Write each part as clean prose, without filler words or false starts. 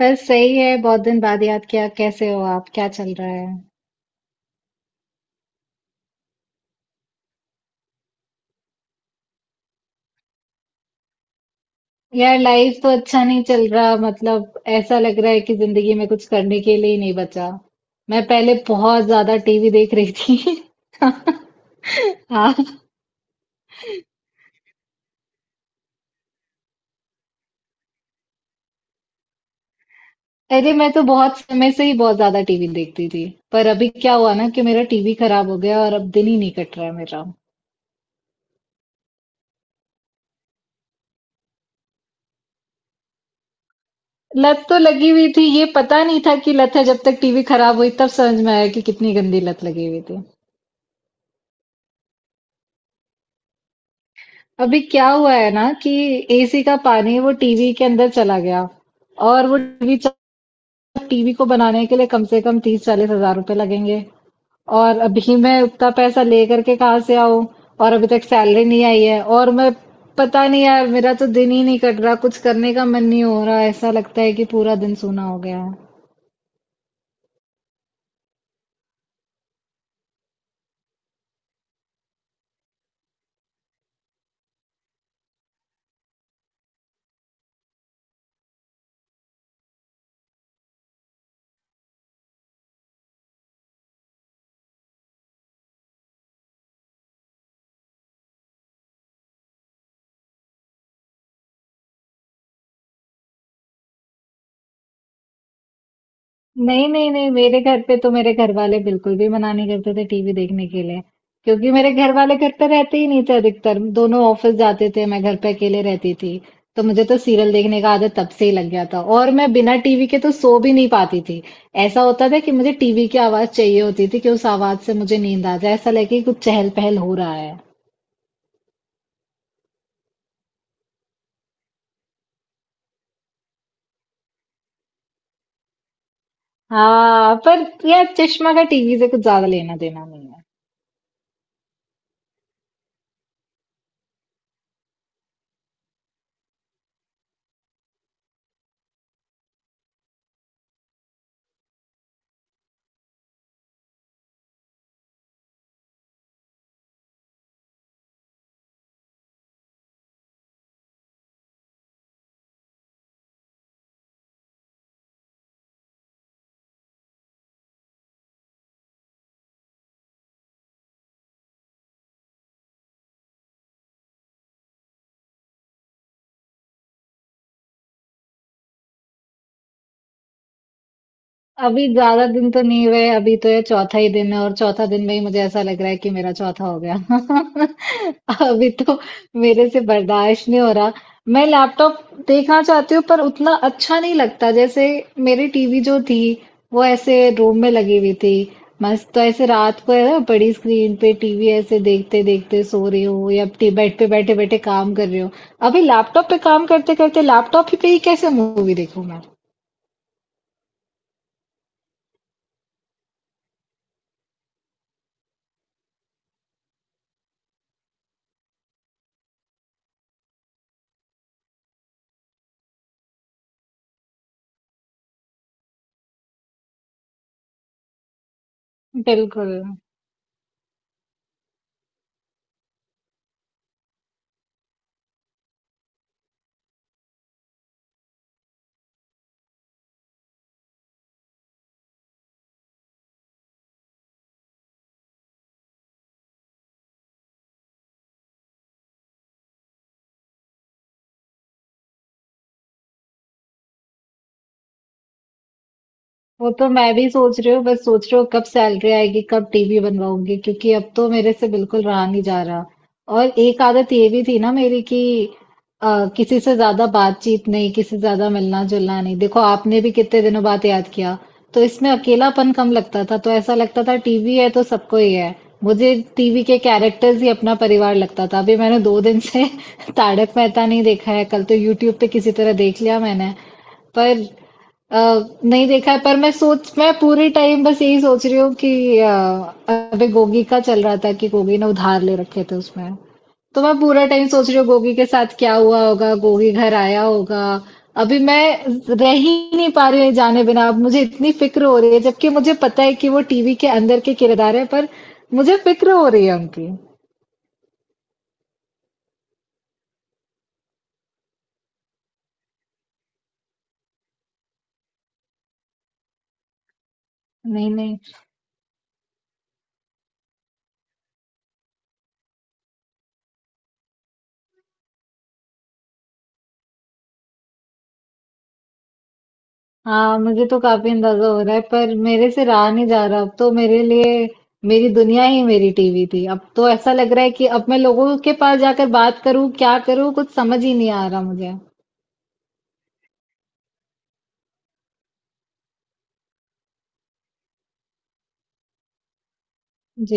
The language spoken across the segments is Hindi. बस सही है। बहुत दिन बाद याद किया, कैसे हो आप? क्या चल रहा है? यार, लाइफ तो अच्छा नहीं चल रहा। मतलब ऐसा लग रहा है कि जिंदगी में कुछ करने के लिए ही नहीं बचा। मैं पहले बहुत ज्यादा टीवी देख रही थी। हाँ। अरे, मैं तो बहुत समय से ही बहुत ज्यादा टीवी देखती थी। पर अभी क्या हुआ ना कि मेरा टीवी खराब हो गया और अब दिन ही नहीं कट रहा है मेरा। लत तो लगी हुई थी, ये पता नहीं था कि लत है। जब तक टीवी खराब हुई तब समझ में आया कि कितनी गंदी लत लगी हुई थी। अभी क्या हुआ है ना कि एसी का पानी वो टीवी के अंदर चला गया। और वो टीवी, टीवी को बनाने के लिए कम से कम 30-40 हज़ार रुपए लगेंगे। और अभी मैं उतना पैसा लेकर के कहाँ से आऊं? और अभी तक सैलरी नहीं आई है। और मैं, पता नहीं यार, मेरा तो दिन ही नहीं कट रहा। कुछ करने का मन नहीं हो रहा। ऐसा लगता है कि पूरा दिन सूना हो गया है। नहीं नहीं नहीं, मेरे घर पे तो मेरे घर वाले बिल्कुल भी मना नहीं करते थे टीवी देखने के लिए। क्योंकि मेरे घर वाले घर पे रहते ही नहीं थे, अधिकतर दोनों ऑफिस जाते थे। मैं घर पे अकेले रहती थी। तो मुझे तो सीरियल देखने का आदत तब से ही लग गया था। और मैं बिना टीवी के तो सो भी नहीं पाती थी। ऐसा होता था कि मुझे टीवी की आवाज चाहिए होती थी कि उस आवाज से मुझे नींद आ जाए, ऐसा लगे कि कुछ चहल पहल हो रहा है। हाँ, पर यार, चश्मा का टीवी से कुछ ज्यादा लेना देना नहीं है। अभी ज्यादा दिन तो नहीं हुए, अभी तो ये चौथा ही दिन है। और चौथा दिन में ही मुझे ऐसा लग रहा है कि मेरा चौथा हो गया। अभी तो मेरे से बर्दाश्त नहीं हो रहा। मैं लैपटॉप देखना चाहती हूँ पर उतना अच्छा नहीं लगता। जैसे मेरी टीवी जो थी वो ऐसे रूम में लगी हुई थी, मस्त। तो ऐसे रात को है ना, बड़ी स्क्रीन पे टीवी ऐसे देखते देखते सो रही हूँ या बेड पे बैठे बैठे काम कर रही हूँ। अभी लैपटॉप पे काम करते करते लैपटॉप ही पे ही कैसे मूवी देखूं मैं? बिल्कुल। वो तो मैं भी सोच रही हूँ। बस सोच रही हूँ कब सैलरी आएगी, कब टीवी बनवाऊंगी, क्योंकि अब तो मेरे से बिल्कुल रहा नहीं जा रहा। और एक आदत ये भी थी ना मेरी कि किसी से ज्यादा बातचीत नहीं, किसी से ज्यादा मिलना जुलना नहीं। देखो, आपने भी कितने दिनों बाद याद किया। तो इसमें अकेलापन कम लगता था। तो ऐसा लगता था टीवी है तो सबको ही है। मुझे टीवी के कैरेक्टर्स ही अपना परिवार लगता था। अभी मैंने 2 दिन से तारक मेहता नहीं देखा है। कल तो यूट्यूब पे किसी तरह देख लिया मैंने। पर अ, नहीं देखा है। पर मैं सोच मैं पूरे टाइम बस यही सोच रही हूँ कि अबे गोगी का चल रहा था कि गोगी ने उधार ले रखे थे उसमें। तो मैं पूरा टाइम सोच रही हूँ गोगी के साथ क्या हुआ होगा, गोगी घर आया होगा। अभी मैं रह ही नहीं पा रही हूँ जाने बिना। अब मुझे इतनी फिक्र हो रही है, जबकि मुझे पता है कि वो टीवी के अंदर के किरदार है। पर मुझे फिक्र हो रही है उनकी। नहीं नहीं। हाँ, मुझे तो काफी अंदाजा हो रहा है पर मेरे से रहा नहीं जा रहा। अब तो मेरे लिए मेरी दुनिया ही मेरी टीवी थी। अब तो ऐसा लग रहा है कि अब मैं लोगों के पास जाकर बात करूं, क्या करूं, कुछ समझ ही नहीं आ रहा मुझे। जी।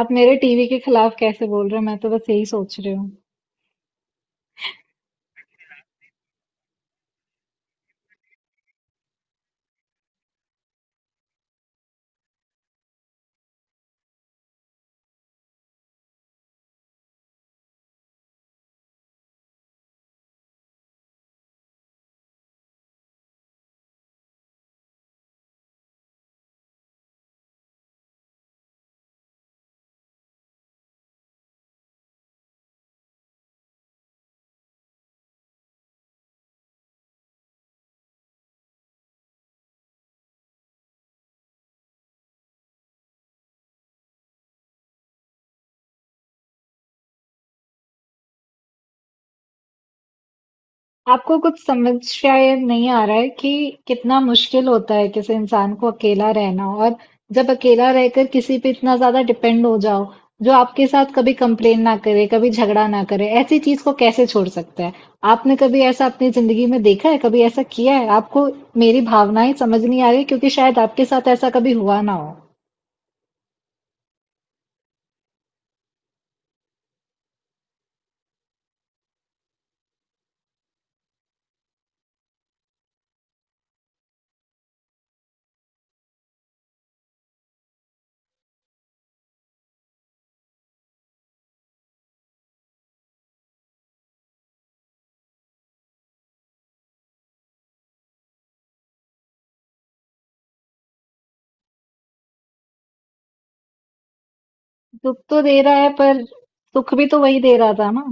आप मेरे टीवी के खिलाफ कैसे बोल रहे हो? मैं तो बस यही सोच रही हूँ। आपको कुछ समझ शायद नहीं आ रहा है कि कितना मुश्किल होता है किसी इंसान को अकेला रहना। और जब अकेला रहकर किसी पे इतना ज्यादा डिपेंड हो जाओ जो आपके साथ कभी कंप्लेन ना करे, कभी झगड़ा ना करे, ऐसी चीज को कैसे छोड़ सकता है? आपने कभी ऐसा अपनी जिंदगी में देखा है, कभी ऐसा किया है आपको? मेरी भावनाएं समझ नहीं आ रही क्योंकि शायद आपके साथ ऐसा कभी हुआ ना हो। दुख तो दे रहा है, पर सुख भी तो वही दे रहा था ना।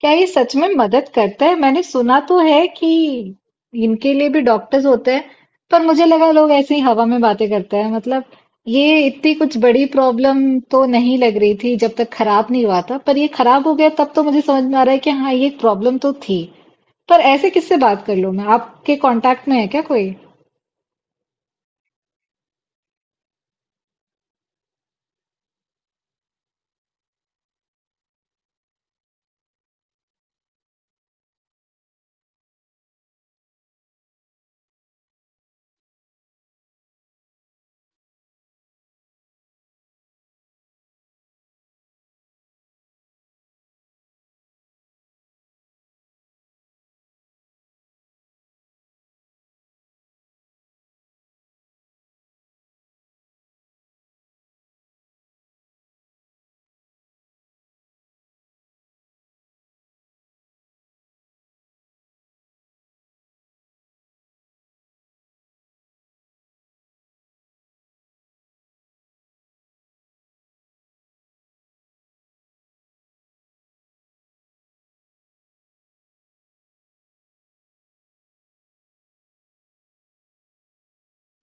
क्या ये सच में मदद करता है? मैंने सुना तो है कि इनके लिए भी डॉक्टर्स होते हैं। पर मुझे लगा लोग ऐसे ही हवा में बातें करते हैं। मतलब ये इतनी कुछ बड़ी प्रॉब्लम तो नहीं लग रही थी जब तक खराब नहीं हुआ था। पर ये खराब हो गया तब तो मुझे समझ में आ रहा है कि हाँ, ये एक प्रॉब्लम तो थी। पर ऐसे किससे बात कर लूं मैं? आपके कांटेक्ट में है क्या कोई?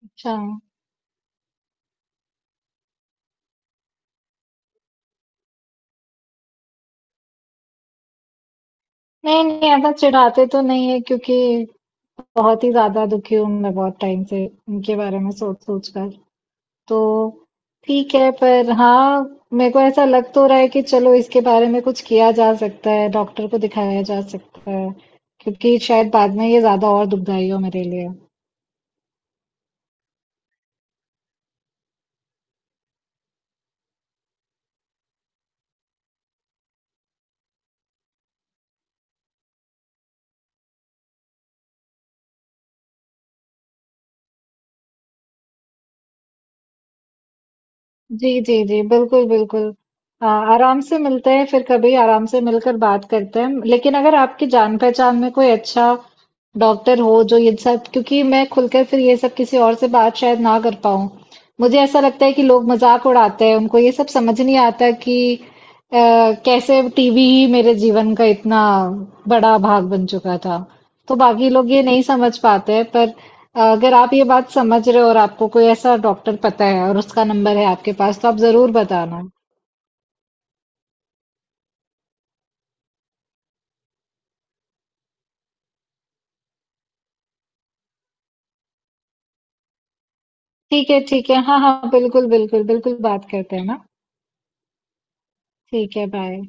अच्छा। नहीं नहीं, ऐसा चिढ़ाते तो नहीं है क्योंकि बहुत ही ज्यादा दुखी हूं मैं बहुत टाइम से इनके बारे में सोच सोच कर। तो ठीक है। पर हाँ, मेरे को ऐसा लग तो रहा है कि चलो इसके बारे में कुछ किया जा सकता है, डॉक्टर को दिखाया जा सकता है, क्योंकि शायद बाद में ये ज्यादा और दुखदाई हो मेरे लिए। जी, जी, जी, बिल्कुल, बिल्कुल। आराम से मिलते हैं, फिर कभी आराम से मिलकर बात करते हैं। लेकिन अगर आपकी जान-पहचान में कोई अच्छा डॉक्टर हो जो ये सब, क्योंकि मैं खुलकर फिर ये सब किसी और से बात शायद ना कर पाऊँ। मुझे ऐसा लगता है कि लोग मज़ाक उड़ाते हैं, उनको ये सब समझ नहीं आता कि अ, कैसे टीवी ही मेरे जीवन का इतना बड़ा भाग बन चुका था। तो बाकी लोग ये नहीं समझ पाते हैं। पर अगर आप ये बात समझ रहे हो और आपको कोई ऐसा डॉक्टर पता है और उसका नंबर है आपके पास तो आप जरूर बताना। ठीक है, ठीक है। हाँ हाँ, बिल्कुल बिल्कुल बिल्कुल, बात करते हैं ना। ठीक है, बाय।